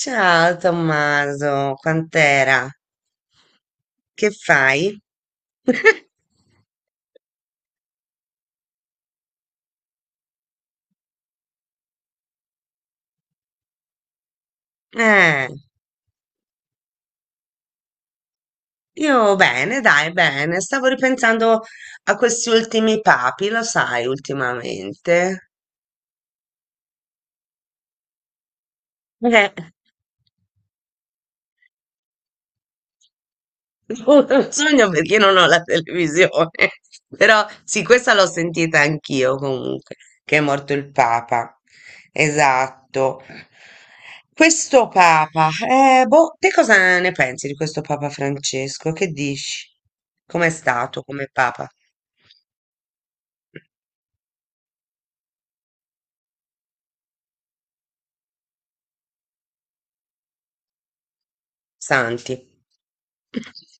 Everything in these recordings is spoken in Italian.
Ciao Tommaso, quant'era? Che fai? Eh, io bene, dai, bene. Stavo ripensando a questi ultimi papi, lo sai, ultimamente. Eh. Non lo sogno perché non ho la televisione, però sì, questa l'ho sentita anch'io comunque, che è morto il Papa. Esatto. Questo Papa, boh, te cosa ne pensi di questo Papa Francesco? Che dici? Com'è stato come Papa? Santi.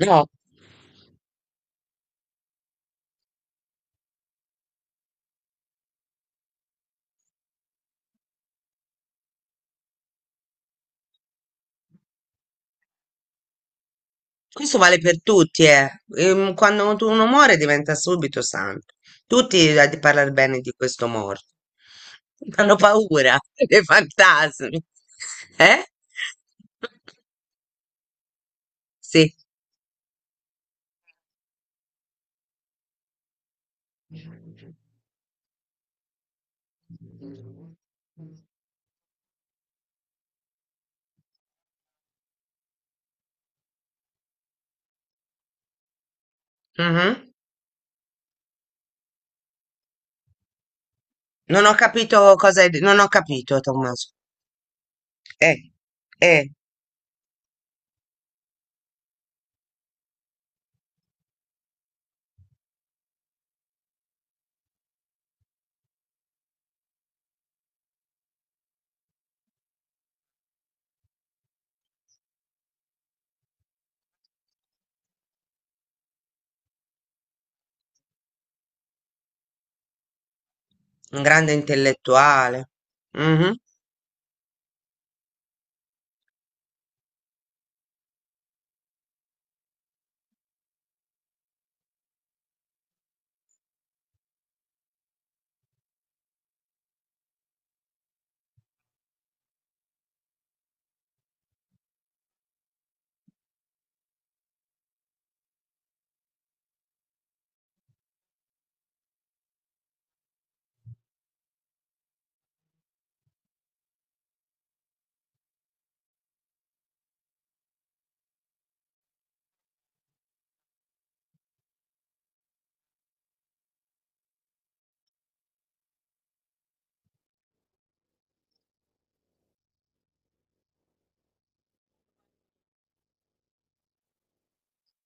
No. Questo vale per tutti, eh. Quando uno muore diventa subito santo. Tutti parlano bene di questo morto. Hanno paura dei fantasmi. Eh? Sì. Mhm. Non ho capito cosa Non ho capito, Tommaso. Eh, eh, un grande intellettuale. Mm-hmm.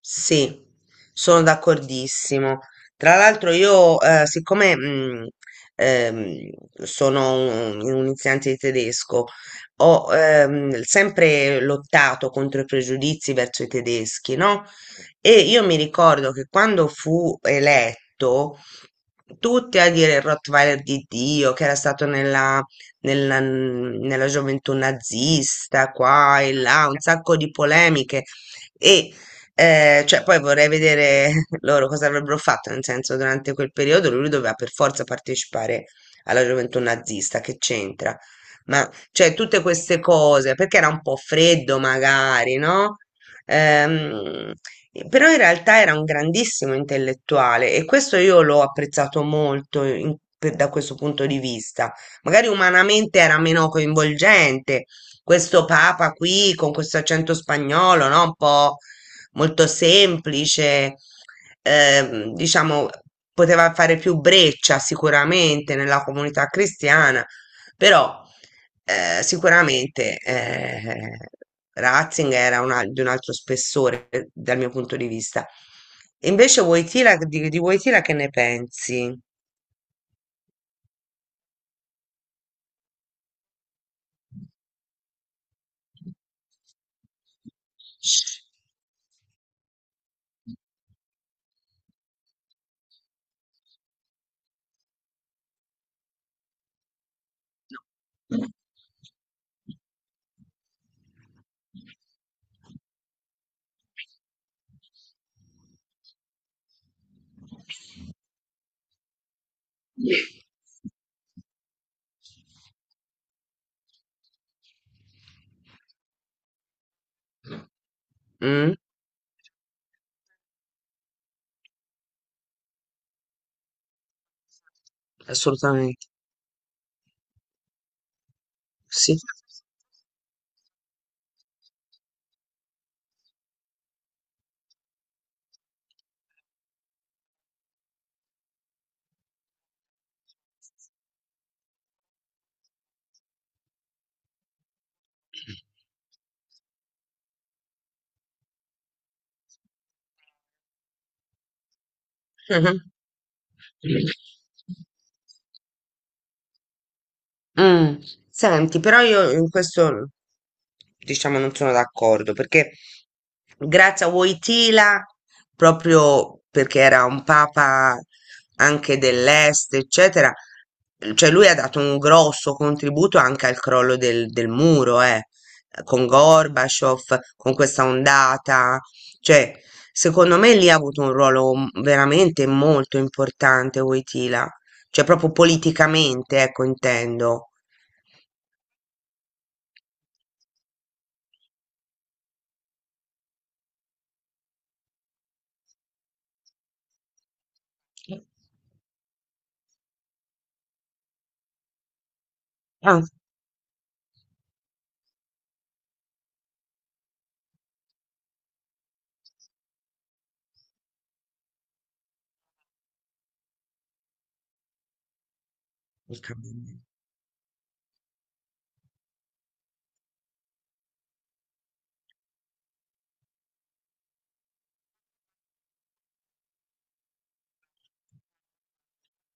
Sì, sono d'accordissimo. Tra l'altro io, siccome ehm, sono un insegnante di tedesco, ho sempre lottato contro i pregiudizi verso i tedeschi, no? E io mi ricordo che quando fu eletto, tutti a dire il Rottweiler di Dio, che era stato nella gioventù nazista, qua e là, un sacco di polemiche. E cioè, poi vorrei vedere loro cosa avrebbero fatto, nel senso, durante quel periodo lui doveva per forza partecipare alla gioventù nazista, che c'entra? Ma, cioè, tutte queste cose, perché era un po' freddo magari, no? Ehm, Però in realtà era un grandissimo intellettuale e questo io l'ho apprezzato molto da questo punto di vista. Magari umanamente era meno coinvolgente, questo papa qui con questo accento spagnolo, no? Un po' molto semplice, diciamo, poteva fare più breccia sicuramente nella comunità cristiana, però sicuramente Ratzinger era di un altro spessore dal mio punto di vista. Invece Wojtyla, di Wojtyla che ne pensi? Mm? Assolutamente, sì. Mhm. Mm. Senti, però io in questo diciamo non sono d'accordo perché grazie a Wojtyla, proprio perché era un papa anche dell'est, eccetera, cioè lui ha dato un grosso contributo anche al crollo del muro, con Gorbaciov, con questa ondata, cioè secondo me lì ha avuto un ruolo veramente molto importante Wojtyla. Cioè proprio politicamente, ecco, intendo. Ah, il cambiamento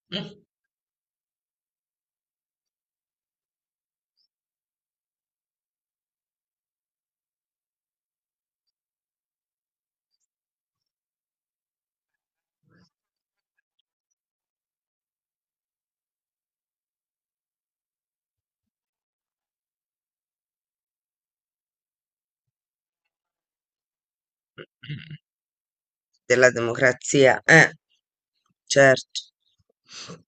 mm, della democrazia, certo.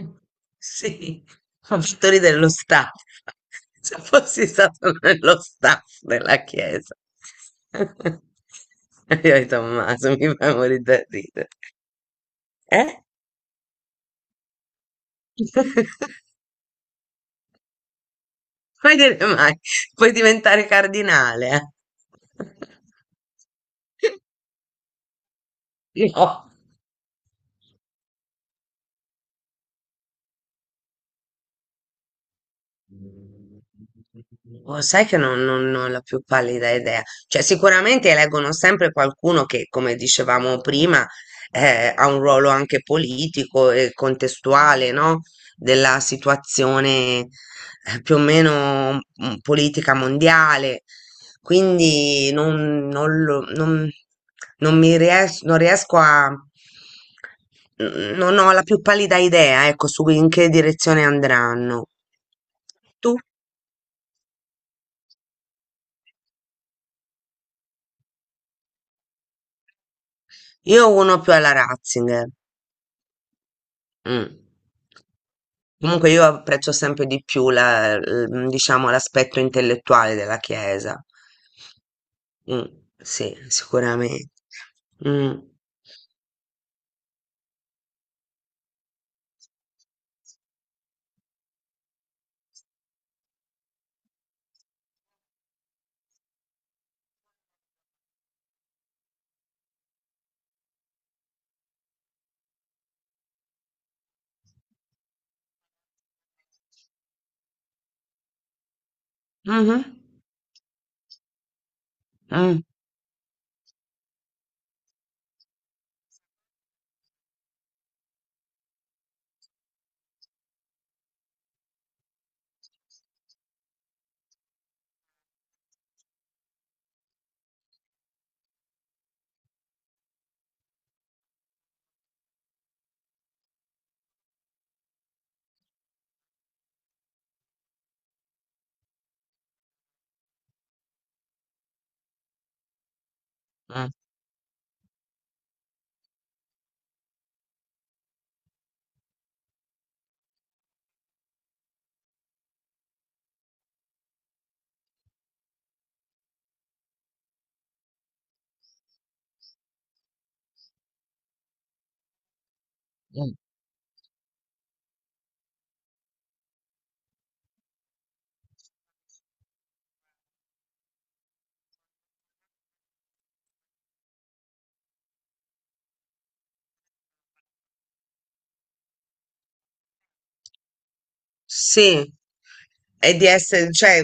Mm, sì. Ho fatto ridere lo staff. Se fossi stato nello staff della chiesa. Io e Tommaso mi fa morire da ridere. Eh? Puoi dire mai, puoi diventare cardinale. Eh? No. Oh, sai che non ho la più pallida idea. Cioè, sicuramente eleggono sempre qualcuno che, come dicevamo prima, ha un ruolo anche politico e contestuale, no? Della situazione più o meno mm, politica mondiale, quindi non mi non riesco a, non ho la più pallida idea, ecco, su in che direzione andranno. Tu? Io uno più alla Ratzinger. Mm. Comunque io apprezzo sempre di più diciamo, l'aspetto intellettuale della Chiesa. Mh, sì, sicuramente. Mh. Mh-mh. Mh, mh, mh. Sì. E di essere cioè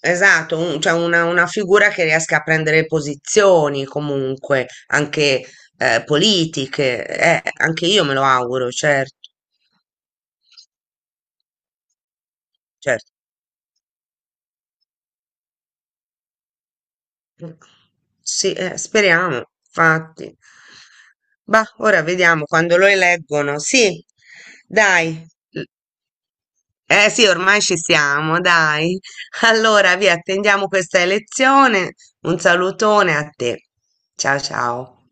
esatto, un cioè una figura che riesca a prendere posizioni comunque, anche, politiche. Anche io me lo auguro, certo, certo. Mh. Sì, speriamo, infatti. Bah, ora vediamo quando lo eleggono. Sì, dai. L Eh sì, ormai ci siamo, dai. Allora, vi attendiamo questa lezione. Un salutone a te. Ciao ciao.